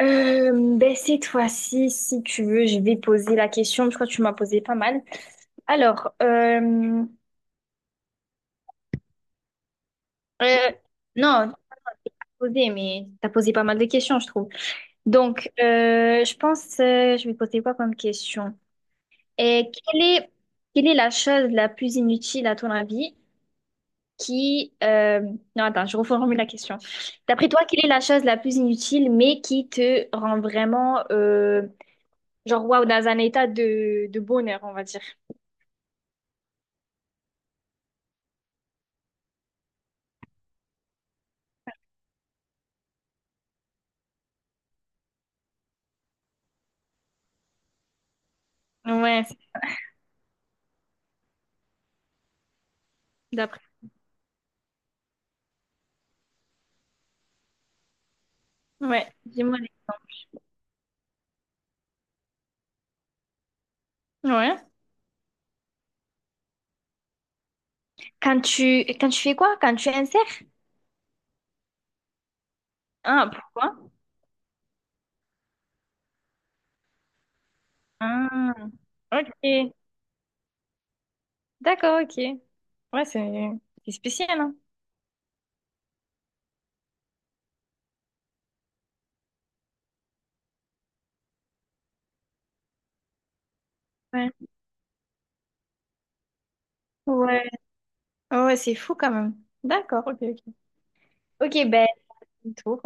Ben cette fois-ci, si tu veux, je vais poser la question. Je crois que tu m'as posé pas mal. Alors, euh, non, t'as posé, mais t'as posé pas mal de questions, je trouve. Donc, je pense, je vais poser quoi comme question? Et quelle est la chose la plus inutile à ton avis qui... euh, non, attends, je reformule la question. D'après toi, quelle est la chose la plus inutile mais qui te rend vraiment, genre, waouh, dans un état de bonheur, on va dire? Ouais, d'après. Ouais, dis-moi. Ouais. Quand tu fais quoi? Quand tu insères? Ah, pourquoi? Ah, ok. D'accord, ok. Ouais, c'est spécial, hein? Ouais. Ouais. Ah ouais, c'est fou quand même. D'accord, ok, ok. Ok, ben, tour.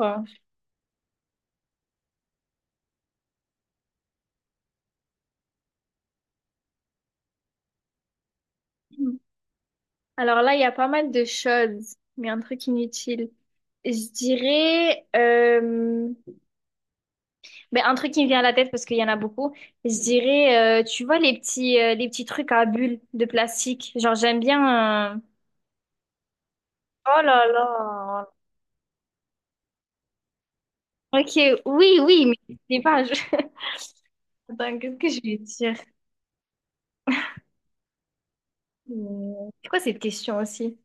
Alors là, il y a pas mal de choses, mais un truc inutile. Je mais un truc qui me vient à la tête parce qu'il y en a beaucoup, je dirais, tu vois les les petits trucs à bulles de plastique. Genre j'aime bien. Oh là là. Ok, oui, oui, mais je sais pas. Attends, qu'est-ce que je vais dire? C'est quoi cette question aussi?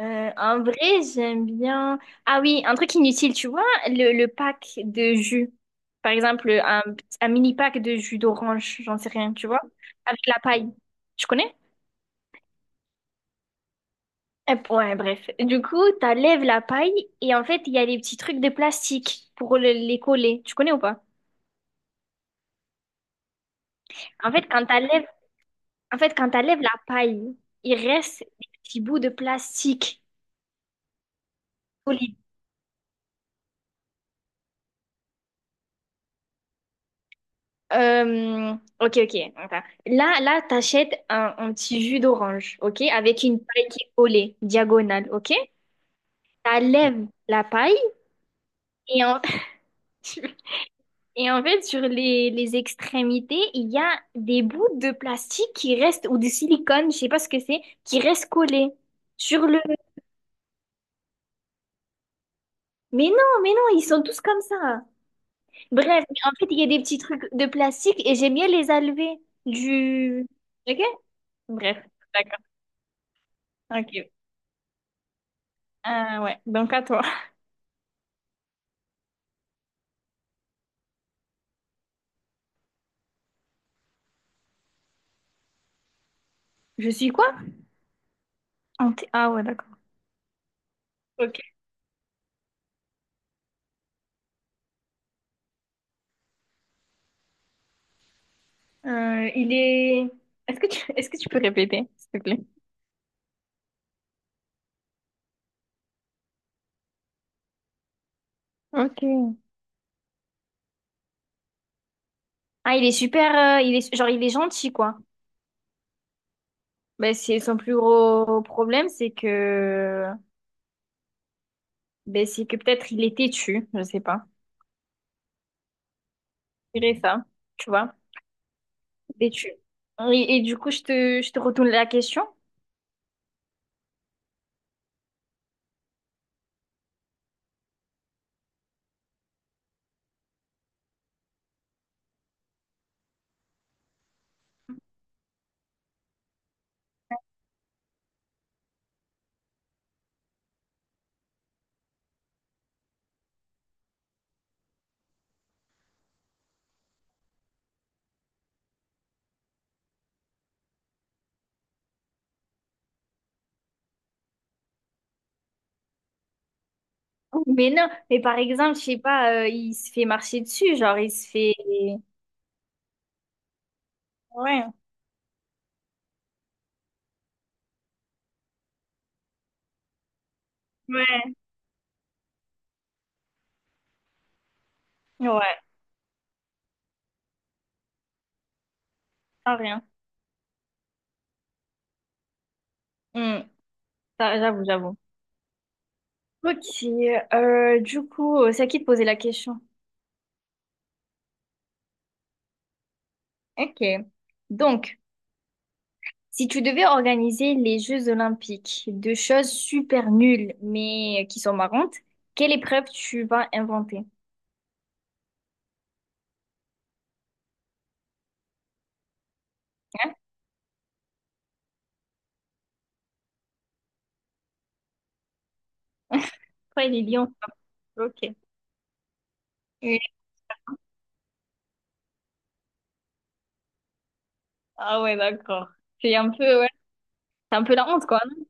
En vrai, j'aime bien. Ah oui, un truc inutile, tu vois, le pack de jus. Par exemple, un mini pack de jus d'orange, j'en sais rien, tu vois, avec la paille. Tu connais? Eh, ouais, bref. Du coup, t'enlèves la paille et en fait, il y a des petits trucs de plastique pour les coller. Tu connais ou pas? En fait, quand t'enlèves, en fait, quand t'enlèves la paille, il reste des petits bouts de plastique collés. Euh, ok, ok. Attends. Là, t'achètes un petit jus d'orange, ok? Avec une paille qui est collée, diagonale, ok? T'enlèves la paille et en... Et en fait, sur les extrémités, il y a des bouts de plastique qui restent, ou de silicone, je sais pas ce que c'est, qui restent collés sur le... mais non, ils sont tous comme ça. Bref, en fait, il y a des petits trucs de plastique et j'aime bien les enlever du... Ok? Bref, d'accord. Ok. Ouais, donc à toi. Je suis quoi? Anté- ah ouais, d'accord. Ok. Euh, il est... Est-ce que tu peux répéter, s'il te plaît? Ok. Ah, il est genre, il est gentil, quoi. Ben, c'est son plus gros problème, c'est que ben, c'est que peut-être il est têtu, je sais pas. Je dirais ça, tu vois, têtu. Et du coup, je te retourne la question. Mais non, mais par exemple, je sais pas, il se fait marcher dessus, genre il se fait. Ouais, ouais, ouais, ah, rien. Hmm, ça, j'avoue, j'avoue. Ok, du coup, c'est à qui de poser la question? Ok. Donc, si tu devais organiser les Jeux Olympiques, deux choses super nulles mais qui sont marrantes, quelle épreuve tu vas inventer? Hein? Pourquoi les lions sont bloqués? Oui. Ah ouais, d'accord. C'est un peu, ouais. C'est un peu la honte, quoi. Non.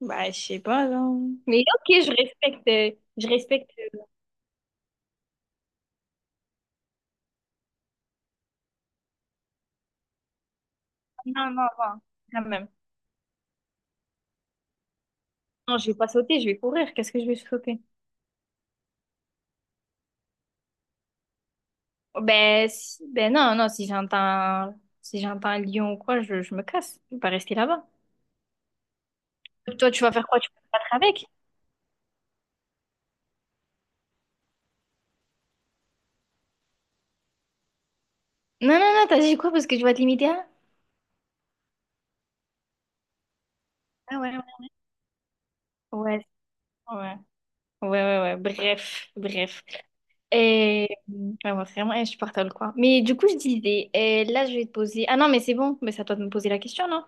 Bah, je sais pas, non. Mais ok, je respecte, je respecte. Non, non, non, quand même. Non, je vais pas sauter, je vais courir. Qu'est-ce que je vais sauter? Oh, ben, si, ben non, non, si j'entends, si j'entends un lion ou quoi, je me casse. Je vais pas rester là-bas. Toi, tu vas faire quoi? Tu vas te battre avec? Non, non, non, t'as dit quoi? Parce que je vais te limiter à... Ah ouais, ouais. Ouais, ouais, ouais. Bref, bref. Et ouais, ouais, vraiment insupportable, quoi. Mais du coup, je disais, et là, je vais te poser. Ah non, mais c'est bon, mais c'est à toi de me poser la question, non?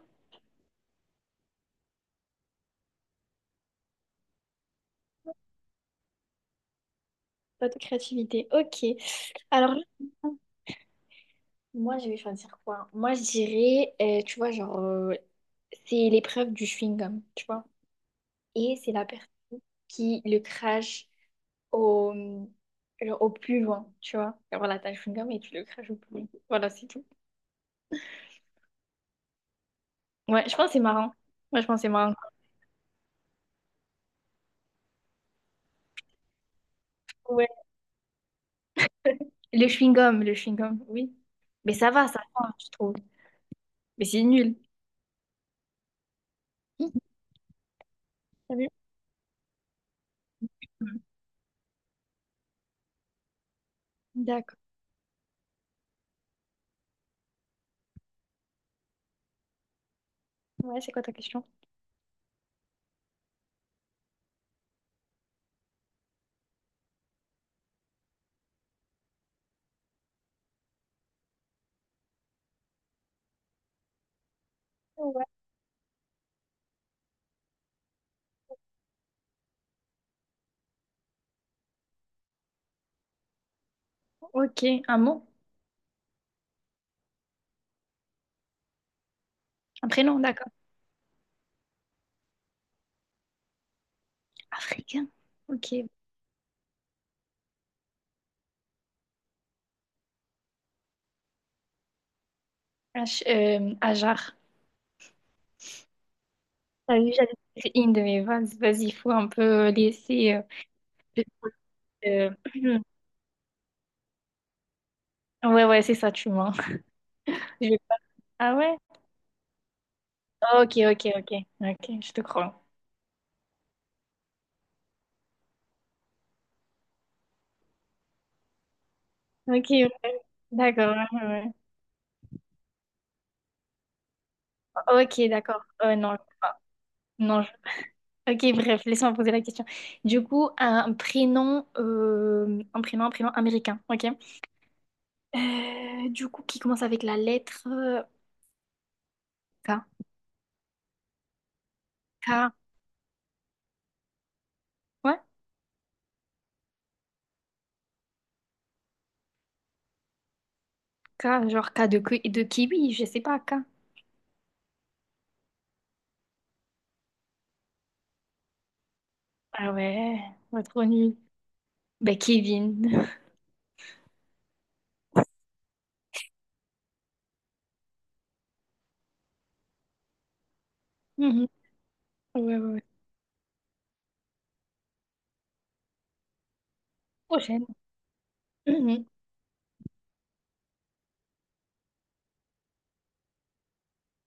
Pas de créativité. Ok. Alors, moi, je vais choisir quoi? Moi, je dirais, tu vois, genre, c'est l'épreuve du chewing-gum, tu vois. Et c'est la personne qui le crache au, genre au puant, tu vois. Et voilà, t'as le chewing-gum et tu le craches au puant. Voilà, c'est tout. Ouais, je pense que c'est marrant. Moi, je pense que c'est marrant. Ouais. Le chewing-gum, oui. Mais ça va, je trouve. Mais c'est nul. Hum, t'as vu? Hum, D'accord. Ouais, c'est quoi ta question? Ouais. Ok, un mot? Un prénom, d'accord. Africain. Ok. H, Ajar. T'as vu, j'avais fait une de mes vannes. Vas-y, il faut un peu laisser... euh, euh, Ouais, ouais, c'est ça, tu mens. Je vais pas- Ah ouais? Ok, ok, ok. Ok, je te crois. Ok, ouais. D'accord. Ouais, ouais. Ouais. Ok, d'accord. Non, je crois pas. Non. Ok, bref, laisse-moi poser la question. Du coup, un prénom, un prénom américain, ok? Du coup, qui commence avec la lettre K. K. Ouais, K, genre K de kiwi, je sais pas, K. Ah ouais, ouais, trop nul. Ben, Kevin. Mhm. Ouais, ouais, ouais. Prochaine.